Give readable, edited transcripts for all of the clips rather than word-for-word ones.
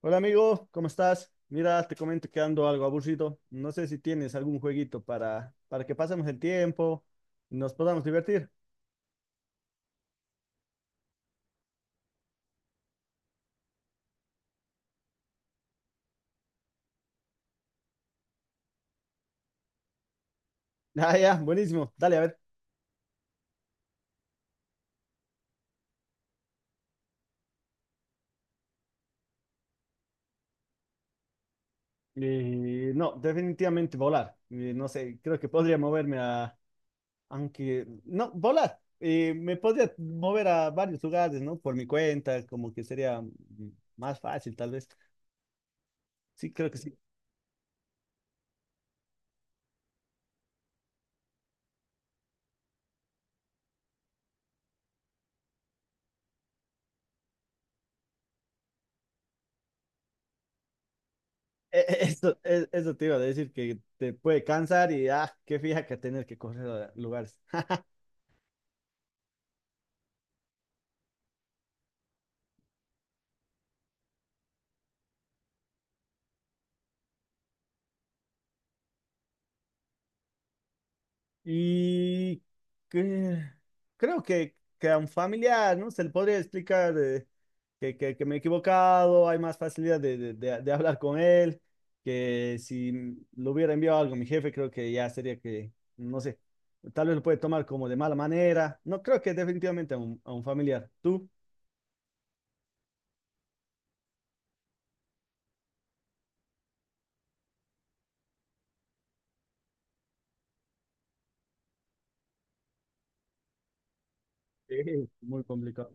Hola amigo, ¿cómo estás? Mira, te comento que ando algo aburrido. No sé si tienes algún jueguito para que pasemos el tiempo y nos podamos divertir. Ah, ya, buenísimo. Dale, a ver. No, definitivamente volar. No sé, creo que podría moverme a... Aunque... No, volar. Me podría mover a varios lugares, ¿no? Por mi cuenta, como que sería más fácil tal vez. Sí, creo que sí. Eso, eso te iba a decir, que te puede cansar y, ah, qué fija que tener que correr a lugares. Y que- Creo que a un familiar, ¿no? Se le podría explicar que me he equivocado, hay más facilidad de hablar con él, que si le hubiera enviado algo a mi jefe, creo que ya sería que, no sé, tal vez lo puede tomar como de mala manera. No, creo que definitivamente a a un familiar. ¿Tú? Sí, muy complicado.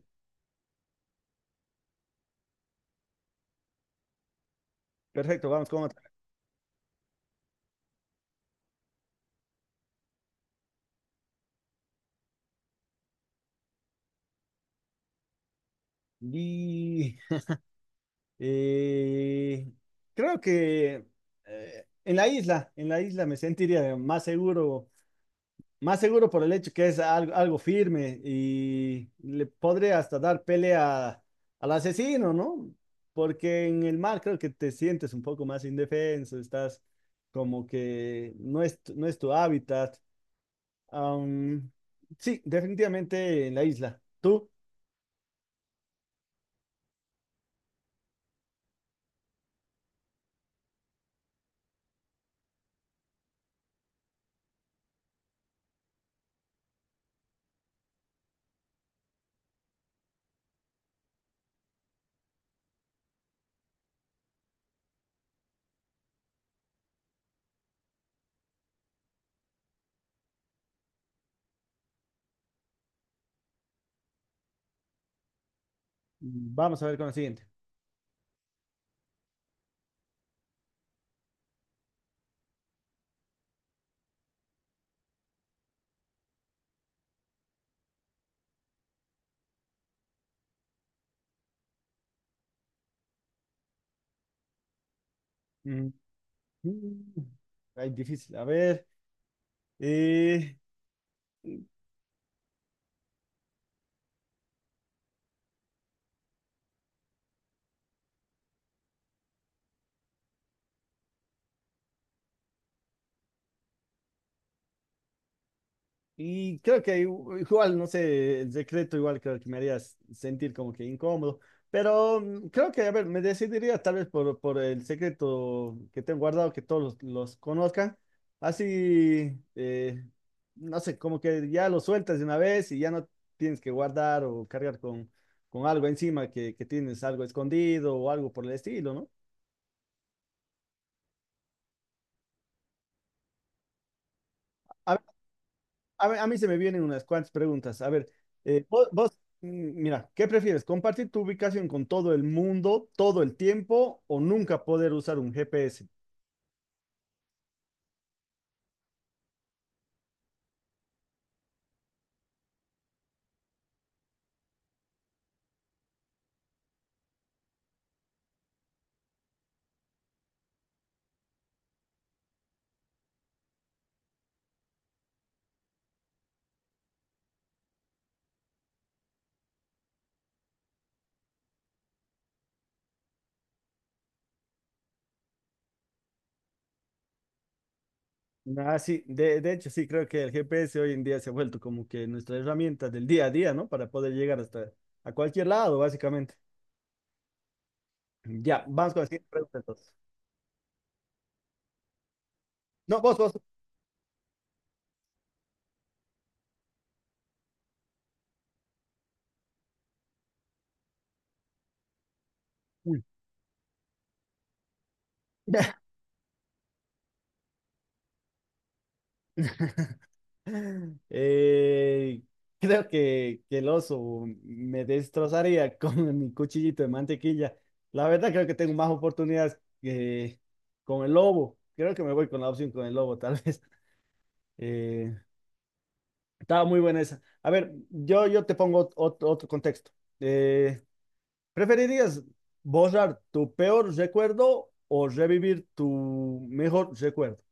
Perfecto, vamos con otra. Y Eh, Creo que en en la isla me sentiría más seguro por el hecho que es algo firme y le podré hasta dar pelea al asesino, ¿no? Porque en el mar creo que te sientes un poco más indefenso, estás como que no es tu hábitat. Am, sí, definitivamente en la isla. Tú, vamos a ver con la siguiente. Mm, mm, Ay, difícil, a ver. Eh, Creo que igual, no sé, el secreto igual creo que me haría sentir como que incómodo, pero creo que, a ver, me decidiría tal vez por el secreto que tengo guardado, que todos los conozcan, así, no sé, como que ya lo sueltas de una vez y ya no tienes que guardar o cargar con algo encima que tienes algo escondido o algo por el estilo, ¿no? Mí a mí se me vienen unas cuantas preguntas. A ver, vos, mira, ¿qué prefieres? ¿Compartir tu ubicación con todo el mundo todo el tiempo o nunca poder usar un GPS? Ah, sí, de hecho, sí, creo que el GPS hoy en día se ha vuelto como que nuestra herramienta del día a día, ¿no? Para poder llegar hasta a cualquier lado, básicamente. Ya, vamos con la siguiente pregunta entonces. No, vos. Uy. Eh, Creo que el oso me destrozaría con mi cuchillito de mantequilla. La verdad creo que tengo más oportunidades que con el lobo. Creo que me voy con la opción con el lobo, tal vez. Eh, Estaba muy buena esa. A ver, yo te pongo otro contexto. Eh, ¿Preferirías borrar tu peor recuerdo o revivir tu mejor recuerdo?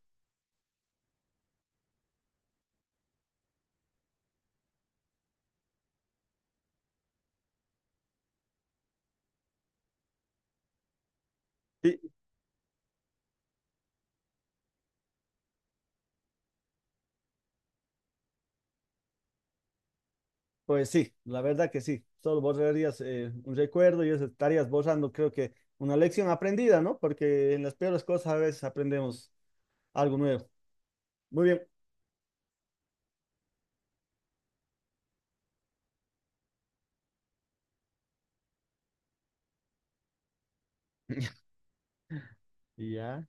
Pues sí, la verdad que sí. Solo borrarías un recuerdo y eso estarías borrando, creo que una lección aprendida, ¿no? Porque en las peores cosas a veces aprendemos algo nuevo. Muy bien. Ya.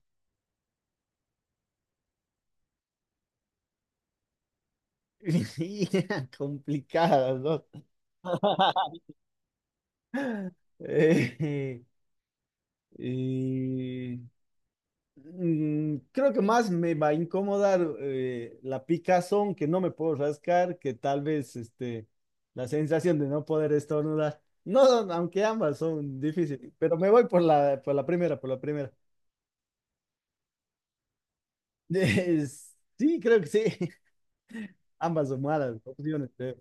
Complicadas, ¿no? Eh, y Creo que más me va a incomodar la picazón que no me puedo rascar, que tal vez la sensación de no poder estornudar. No, no, aunque ambas son difíciles, pero me voy por por la primera, por la primera. Es- sí, creo que sí. Ambas son malas opciones, creo.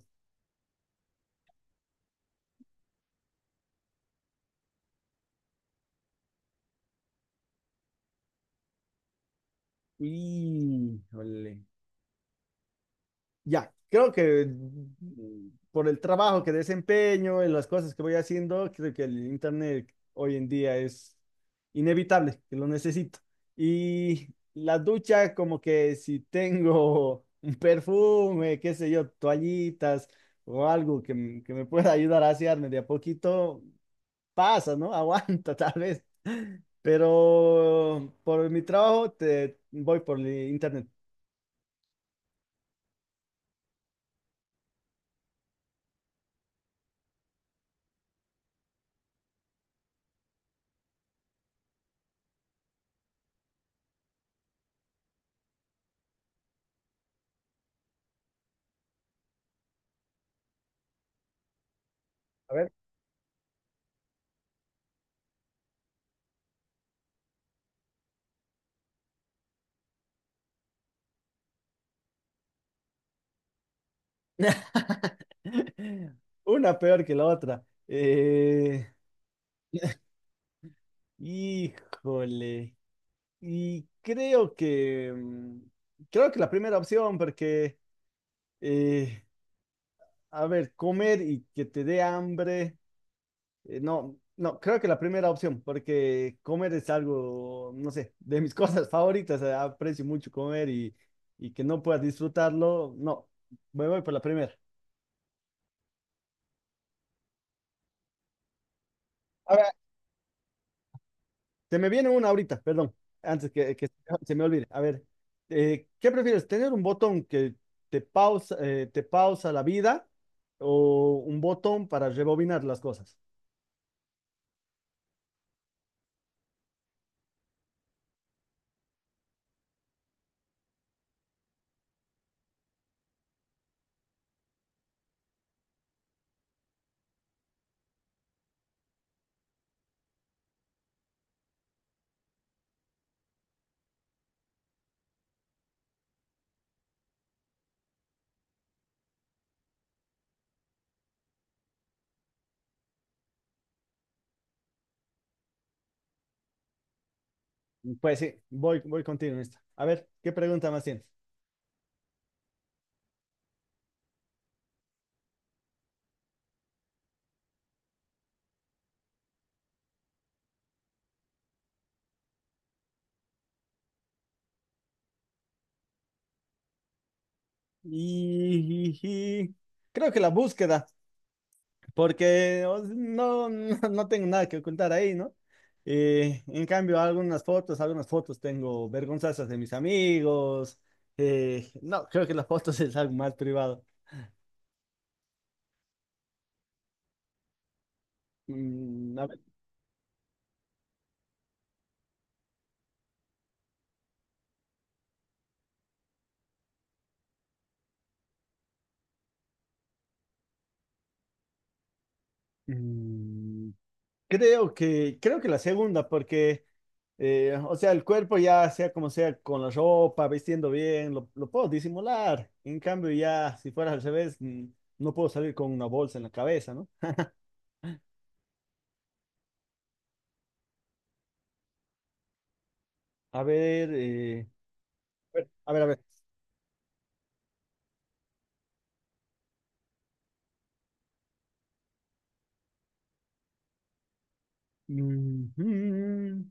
Y, ya, creo que por el trabajo que desempeño, en las cosas que voy haciendo, creo que el internet hoy en día es inevitable, que lo necesito. Y la ducha, como que si tengo un perfume, qué sé yo, toallitas o algo que me pueda ayudar a asearme de a poquito, pasa, ¿no? Aguanta tal vez. Pero por mi trabajo te voy por el internet. A ver. Una peor que la otra. Híjole. Y creo que creo que la primera opción, porque eh, a ver, comer y que te dé hambre. No, creo que la primera opción, porque comer es algo, no sé, de mis cosas favoritas. Aprecio mucho comer y que no puedas disfrutarlo. No, me voy por la primera. Se me viene una ahorita, perdón, antes que se me olvide. A ver, ¿qué prefieres? ¿Tener un botón que te pausa la vida o un botón para rebobinar las cosas? Pues sí, voy contigo en esta. A ver, ¿qué pregunta más tienes? Y, y- y- Creo que la búsqueda. Porque o sea, no tengo nada que ocultar ahí, ¿no? En cambio, algunas fotos tengo vergonzosas de mis amigos. Eh, no, creo que las fotos es algo más privado. A ver, mm, creo creo que la segunda, porque, o sea, el cuerpo ya sea como sea, con la ropa, vistiendo bien, lo puedo disimular. En cambio, ya si fuera al revés, no puedo salir con una bolsa en la cabeza, ¿no? A ver, a ver, a ver. Ujú.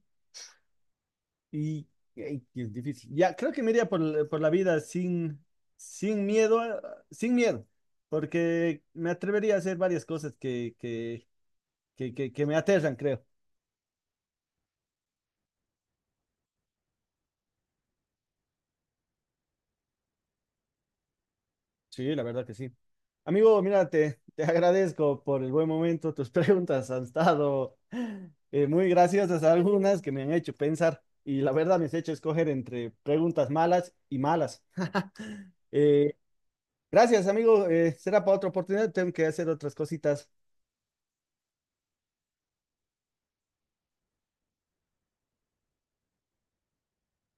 Y, Ay, que es difícil. Ya, creo que me iría por la vida sin, sin miedo, a- sin miedo, porque me atrevería a hacer varias cosas que me aterran, creo. Sí, la verdad que sí. Amigo, mira, te agradezco por el buen momento. Tus preguntas han estado muy graciosas, algunas que me han hecho pensar y la verdad me has hecho escoger entre preguntas malas y malas. Eh, gracias, amigo. Eh, será para otra oportunidad. Tengo que hacer otras cositas.